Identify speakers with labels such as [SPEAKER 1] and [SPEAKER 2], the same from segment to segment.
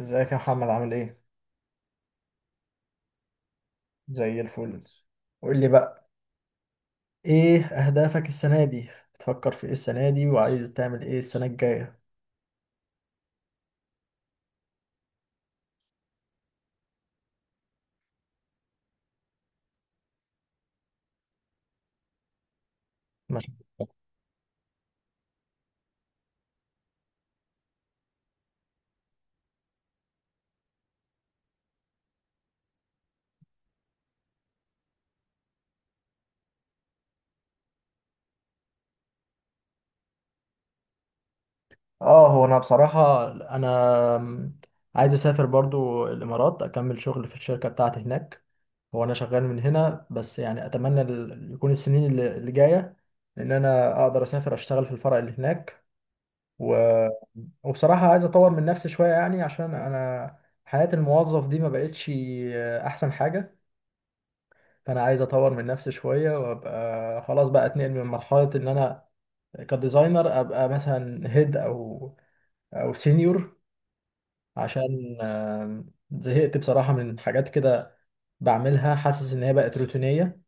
[SPEAKER 1] ازيك يا محمد؟ عامل ايه؟ زي الفل. قول لي بقى، ايه اهدافك السنة دي؟ تفكر في ايه السنة دي وعايز تعمل ايه السنة الجاية؟ ماشي. اه، هو انا بصراحة، انا عايز اسافر برضو الامارات، اكمل شغل في الشركة بتاعتي هناك. هو انا شغال من هنا بس، يعني اتمنى يكون السنين اللي جاية ان انا اقدر اسافر اشتغل في الفرع اللي هناك. و... وبصراحة عايز اطور من نفسي شوية، يعني عشان انا حياة الموظف دي ما بقتش احسن حاجة. فانا عايز اطور من نفسي شويه وابقى خلاص بقى اتنقل من مرحله ان انا كديزاينر ابقى مثلا هيد او سينيور، عشان زهقت بصراحه من حاجات كده بعملها، حاسس ان هي بقت روتينيه.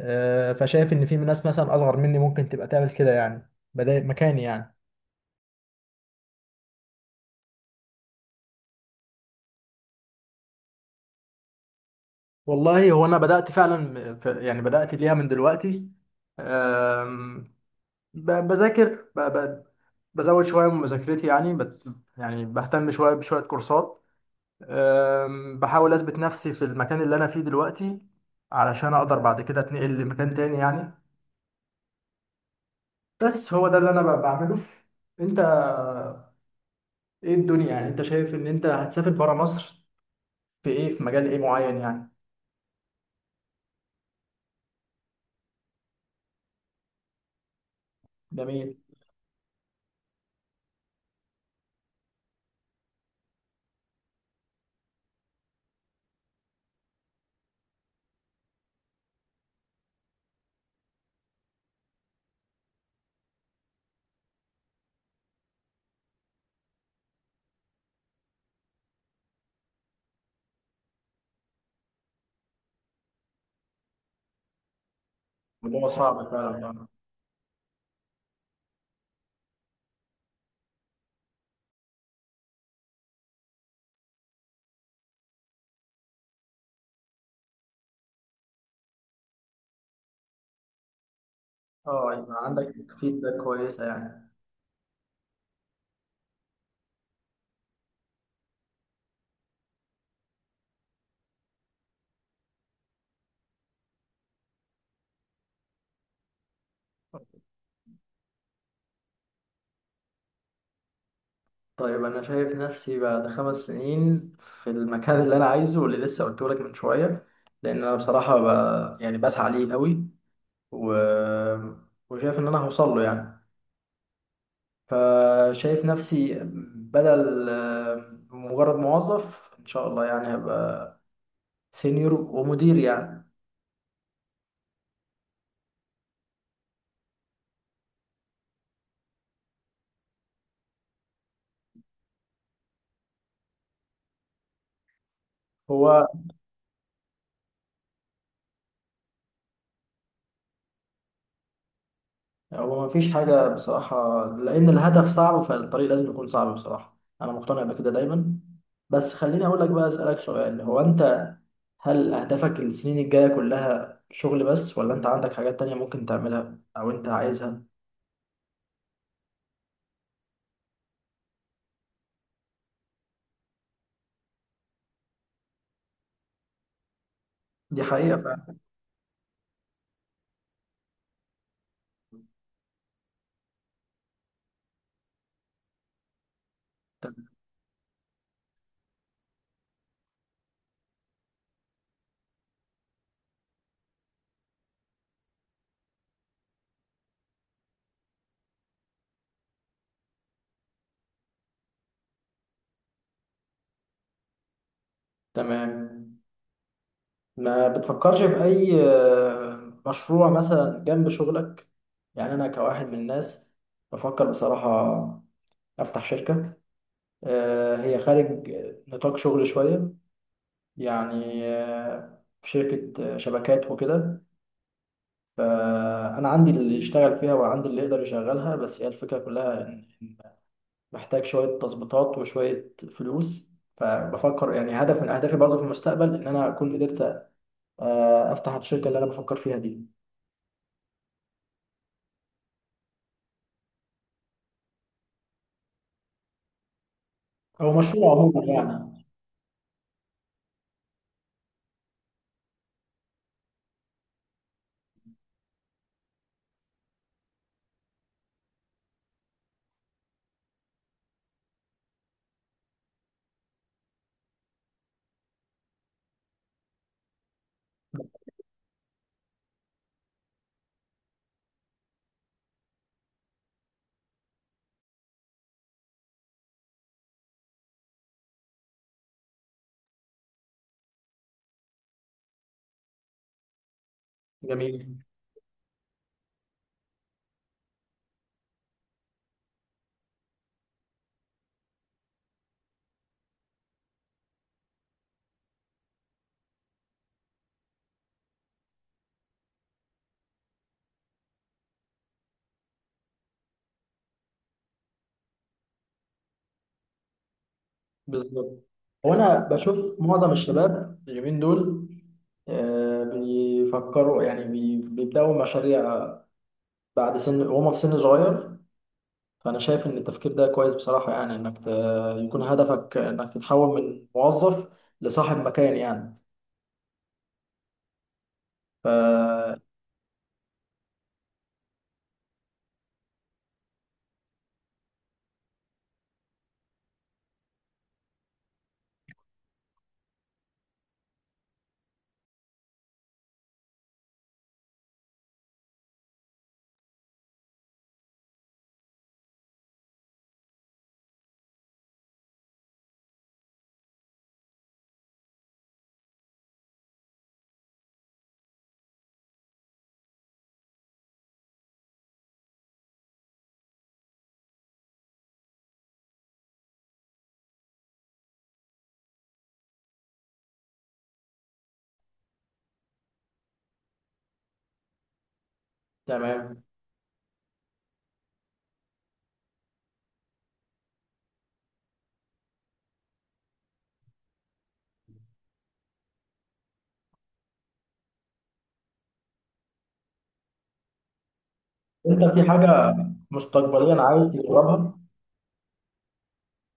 [SPEAKER 1] فشايف ان في ناس مثلا اصغر مني ممكن تبقى تعمل كده، يعني بدأ مكاني يعني. والله هو انا بدأت فعلا، يعني بدأت ليها من دلوقتي. آم، ب- بذاكر ب- ب- بزود شوية من مذاكرتي، يعني يعني بهتم شوية بشوية كورسات. بحاول أثبت نفسي في المكان اللي أنا فيه دلوقتي، علشان أقدر بعد كده أتنقل لمكان تاني يعني. بس هو ده اللي أنا بعمله. أنت، إيه الدنيا؟ يعني أنت شايف إن أنت هتسافر برا مصر في إيه، في مجال إيه معين يعني؟ جميل. الموضوع صعب فعلا. آه، يبقى عندك فيدباك كويسة يعني. طيب انا شايف نفسي بعد 5 سنين في المكان اللي انا عايزه، واللي لسه قلته لك من شويه، لان انا بصراحه يعني بسعى ليه قوي. و... وشايف ان انا هوصل له يعني. فشايف نفسي بدل مجرد موظف، ان شاء الله يعني هبقى سينيور ومدير يعني. هو هو مفيش حاجة بصراحة، لأن الهدف صعب فالطريق لازم يكون صعب. بصراحة أنا مقتنع بكده دايما. بس خليني أقول لك بقى، أسألك سؤال. هو أنت، هل أهدافك السنين الجاية كلها شغل بس، ولا أنت عندك حاجات تانية ممكن تعملها أو أنت عايزها؟ دي حقيقة فعلا. تمام. ما بتفكرش في أي مشروع مثلا جنب شغلك؟ يعني أنا كواحد من الناس بفكر بصراحة أفتح شركة. هي خارج نطاق شغل شوية، يعني في شركة شبكات وكده. فأنا عندي اللي يشتغل فيها، وعندي اللي يقدر يشغلها، بس هي الفكرة كلها إن محتاج شوية تظبيطات وشوية فلوس. فبفكر يعني هدف من أهدافي برضه في المستقبل، إن أنا أكون قدرت أفتح الشركة اللي أنا بفكر فيها دي، أو مشروع عموما يعني. جميل. بالظبط. هو أنا بشوف معظم الشباب اليومين دول بيفكروا، يعني بيبدأوا مشاريع بعد سن، وهم في سن صغير. فأنا شايف إن التفكير ده كويس بصراحة، يعني إنك يكون هدفك إنك تتحول من موظف لصاحب مكان يعني. ف تمام. أنت في حاجة مستقبليا عايز تجربها؟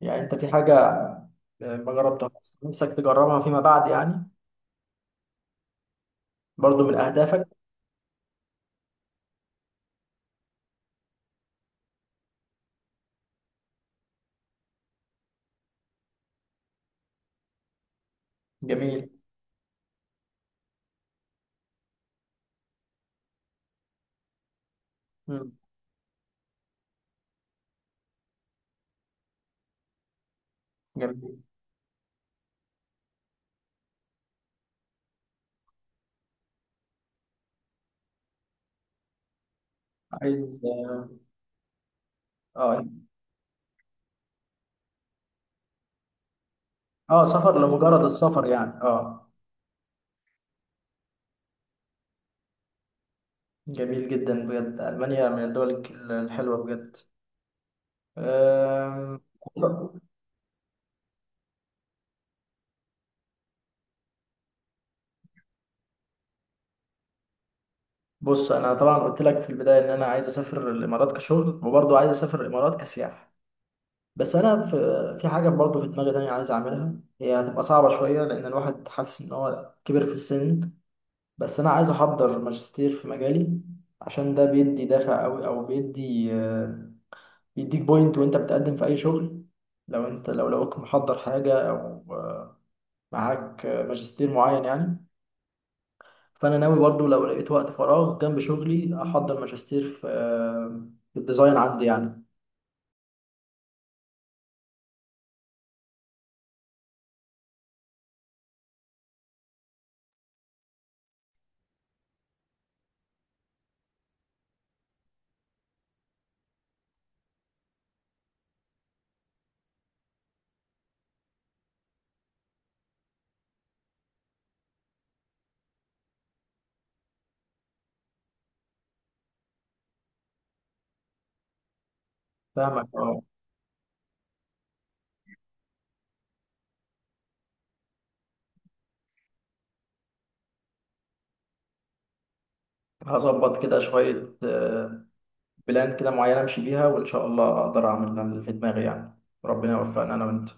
[SPEAKER 1] يعني أنت في حاجة ما جربتهاش نفسك تجربها فيما بعد يعني، برضو من أهدافك؟ جميل. مم. جميل. عايز. اه. اه، سفر لمجرد السفر يعني، اه. جميل جدا بجد، ألمانيا من الدول الحلوة بجد. آم، بص انا طبعا قلت لك في البدايه ان انا عايز اسافر الامارات كشغل، وبرضه عايز اسافر الامارات كسياحه. بس انا في حاجه برضه في دماغي تانية عايز اعملها. هي هتبقى صعبه شويه، لان الواحد حاسس ان هو كبر في السن. بس انا عايز احضر ماجستير في مجالي، عشان ده بيدي دافع قوي، او بيدي بيديك بوينت وانت بتقدم في اي شغل. لو لقوك محضر حاجه، او آه، معاك ماجستير معين يعني. فانا ناوي برضو لو لقيت وقت فراغ جنب شغلي احضر ماجستير في الديزاين عندي يعني. فاهمك، اه. هظبط كده شوية، بلان كده معينة امشي بيها، وان شاء الله اقدر اعمل اللي في دماغي يعني، ربنا يوفقنا انا وانت.